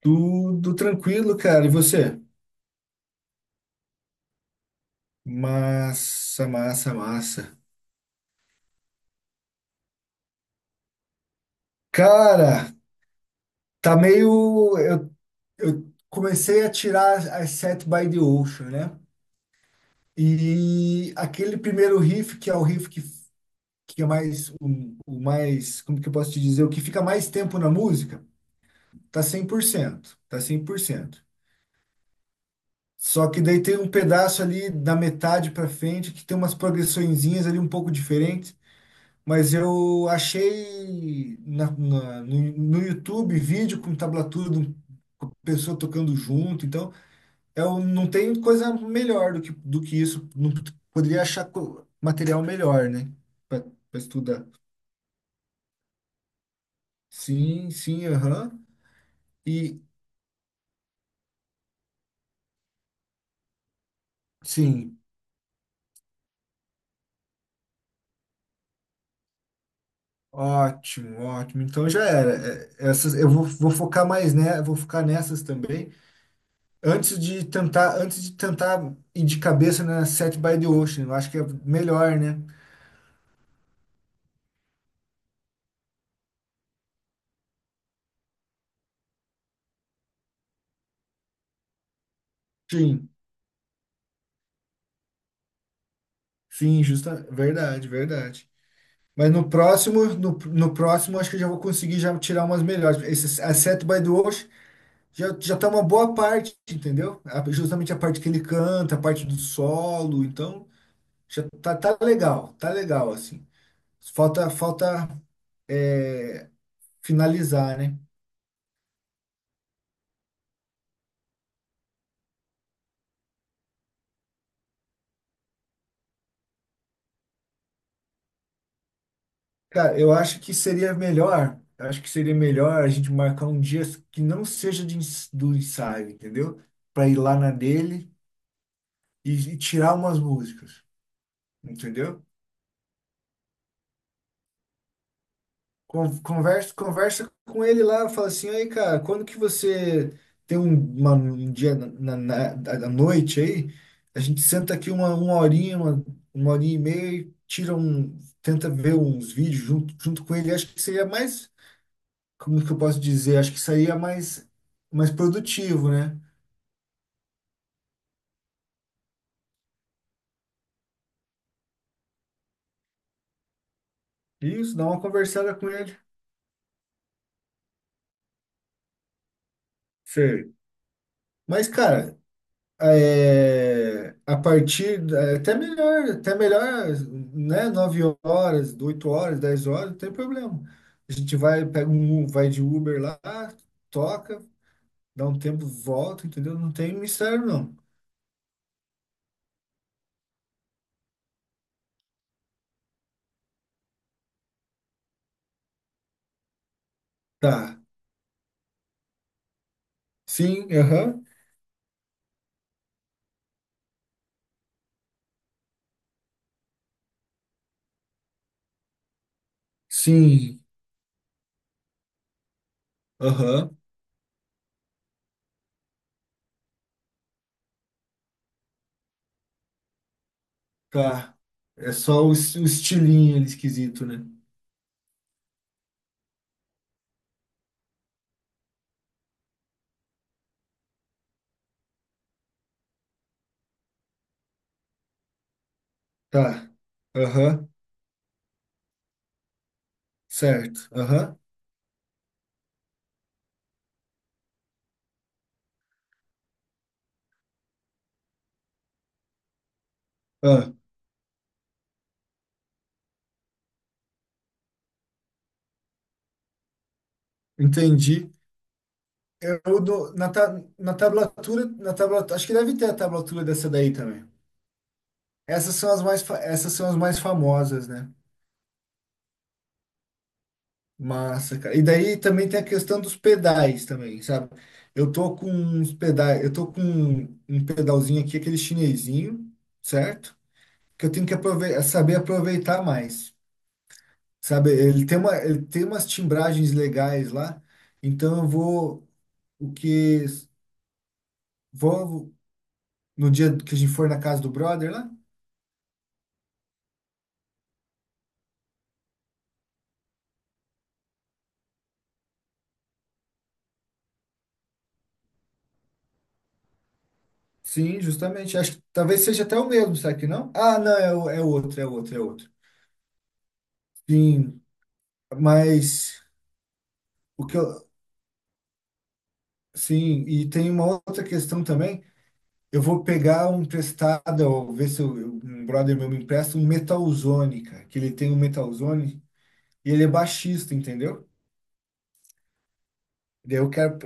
Tudo tranquilo, cara. E você? Massa, massa, massa. Cara, tá meio. Eu comecei a tirar as Set by the Ocean, né? E aquele primeiro riff, que é o riff que é mais. O mais. Como que eu posso te dizer? O que fica mais tempo na música, tá 100%. Tá 100%. Só que daí tem um pedaço ali da metade pra frente que tem umas progressõezinhas ali um pouco diferentes. Mas eu achei no YouTube vídeo com tablatura do- com a pessoa tocando junto, então eu não tem coisa melhor do que isso. Não poderia achar material melhor, né? Para estudar. Sim, sim, aham. E sim, ótimo, ótimo. Então já era. É, essas, eu vou focar mais, né? Vou focar nessas também. Antes de tentar ir de cabeça na Set by the Ocean, eu acho que é melhor, né? Sim, sim, justa, verdade, verdade. Mas no próximo, no próximo, acho que eu já vou conseguir já tirar umas melhores. Esse A Set by the Ocean já tá uma boa parte, entendeu? Justamente a parte que ele canta, a parte do solo, então já tá, tá legal, assim. Falta é, finalizar, né? Cara, eu acho que seria melhor, eu acho que seria melhor a gente marcar um dia que não seja de do ensaio, entendeu? Para ir lá na dele e tirar umas músicas, entendeu? Conversa com ele lá, fala assim, aí, cara, quando que você tem um dia à noite aí, a gente senta aqui uma horinha e meia e tira um, tenta ver uns vídeos junto com ele. Acho que seria mais, como que eu posso dizer? Acho que seria mais produtivo, né? Isso, dá uma conversada com ele. Sei. Mas, cara, é, a partir até melhor, né? 9 horas, 8 horas, 10 horas, não tem problema. A gente vai, pega um, vai de Uber lá, toca, dá um tempo, volta, entendeu? Não tem mistério, não. Tá. Sim, aham. Sim, aham. Tá. É só o estilinho ali esquisito, né? Tá. Aham. Certo. Aham. Ah, entendi. Eu, dou- na, ta- na tablatura, acho que deve ter a tablatura dessa daí também. Essas são as mais famosas, né? Massa, cara. E daí também tem a questão dos pedais também, sabe? Eu tô com uns pedais, eu tô com um pedalzinho aqui, aquele chinesinho, certo? Que eu tenho que saber aproveitar mais, sabe? Ele tem umas timbragens legais lá, então eu vou, o que, vou no dia que a gente for na casa do brother lá, sim, justamente. Acho que talvez seja até o mesmo, será que não? Ah, não, é, é outro, é outro, é outro. Sim, mas o que eu. Sim, e tem uma outra questão também. Eu vou pegar um emprestado, ou ver se eu, um brother meu me empresta um Metalzone, cara, que ele tem um Metalzone e ele é baixista, entendeu? Daí eu quero.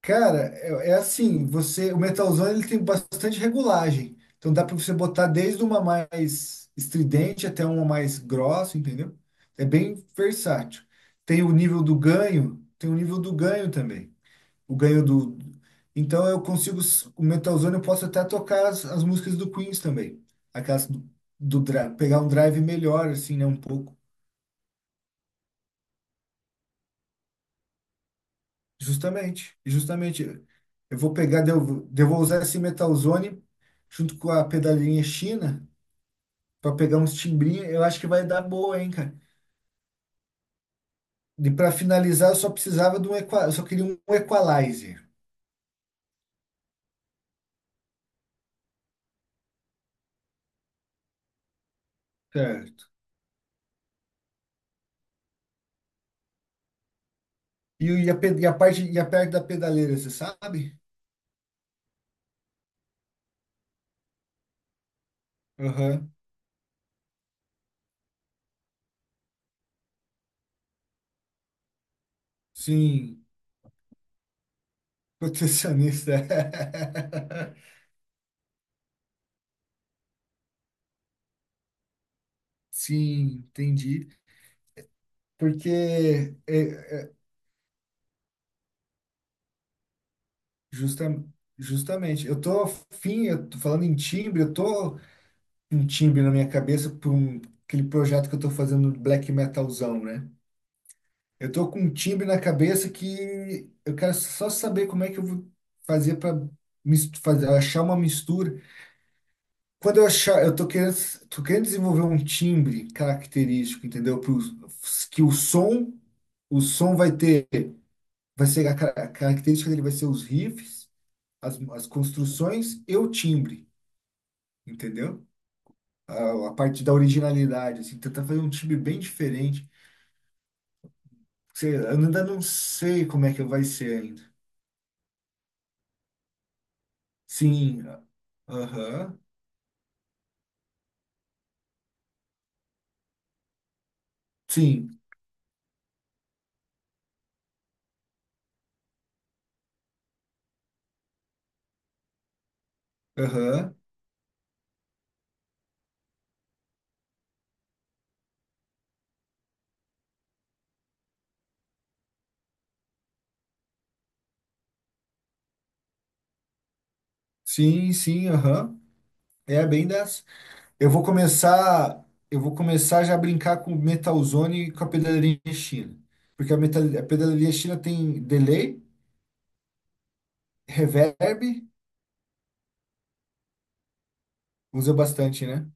Cara, é assim, você, o metalzão ele tem bastante regulagem. Então dá para você botar desde uma mais estridente até uma mais grossa, entendeu? É bem versátil. Tem o nível do ganho, tem o nível do ganho também. O ganho do. Então eu consigo o metalzão eu posso até tocar as músicas do Queens também. Aquelas pegar um drive melhor assim, né, um pouco. Justamente, justamente. Eu vou pegar, daí eu vou usar esse Metalzone junto com a pedalinha China para pegar uns timbrinhos. Eu acho que vai dar boa, hein, cara. E para finalizar, eu só queria um equalizer, certo? A, pe- e a parte da pedaleira, você sabe? Aham. Sim, protecionista. Sim, entendi. Porque é, justa, justamente, eu tô afim, eu tô falando em timbre, eu tô um timbre na minha cabeça por aquele projeto que eu tô fazendo black metalzão, né? Eu tô com um timbre na cabeça que eu quero só saber como é que eu vou fazer para fazer, achar uma mistura. Quando eu achar, tô querendo desenvolver um timbre característico, entendeu? Pro, que o som vai ter, vai ser a característica dele vai ser os riffs, as construções e o timbre, entendeu? A parte da originalidade, assim, tentar fazer um time bem diferente. Sei, eu ainda não sei como é que vai ser ainda. Sim, aham, sim, aham, sim, sim, aham. É bem dessa. Eu vou começar, eu vou começar já a brincar com o Metalzone e com a pedaleria China. Porque a pedaleria China tem delay, reverb, usa bastante, né?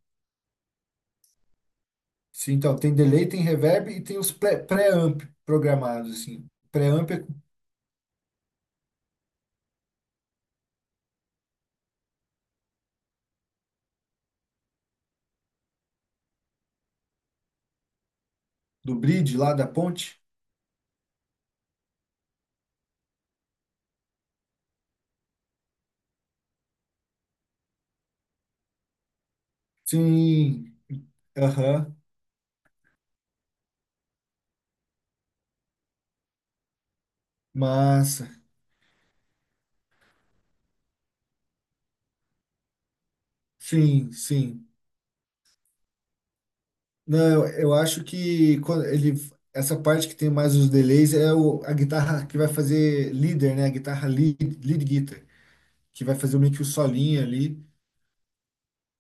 Sim, então, tem delay, tem reverb e tem os pré-amp programados, assim. Pré-amp é do bridge lá da ponte? Sim, aham, massa. Sim, sim. Não, eu acho que quando ele, essa parte que tem mais os delays é a guitarra que vai fazer leader, né? A guitarra lead, lead guitar, que vai fazer meio que o solinho ali,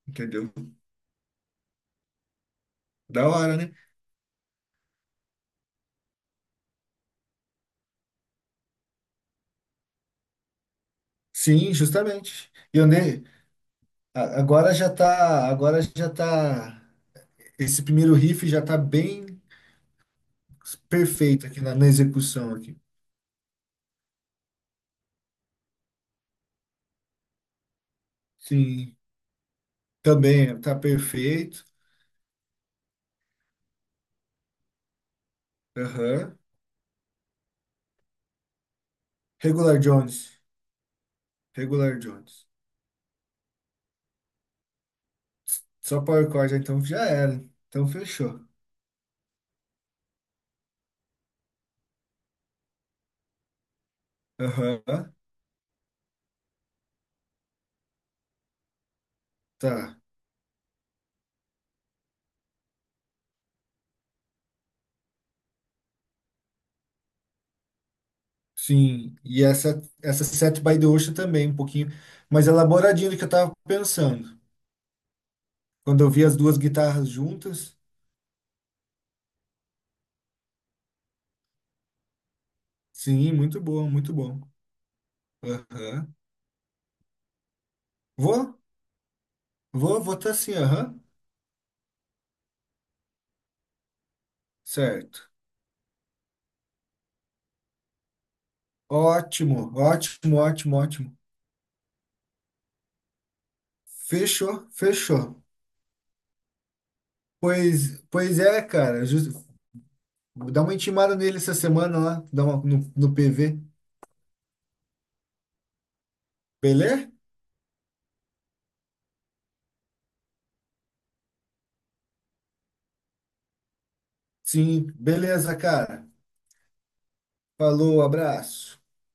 entendeu? Da hora, né? Sim, justamente. E eu nem, agora já tá, esse primeiro riff já tá bem perfeito aqui na execução aqui. Sim, também tá perfeito. Aham. Regular Jones. Regular Jones. Só Power Chord, então já era. Então fechou. Aham. Tá. Sim. E essa Set by the Ocean também, um pouquinho mais elaboradinha do que eu tava pensando. Quando eu vi as duas guitarras juntas. Sim, muito bom, muito bom. Aham. Vou, vou tá assim, aham. Certo. Ótimo, ótimo, ótimo, ótimo. Fechou, fechou. Pois é, cara. Dá uma intimada nele essa semana lá, dá uma, no PV. Beleza? Sim, beleza, cara. Falou, abraço.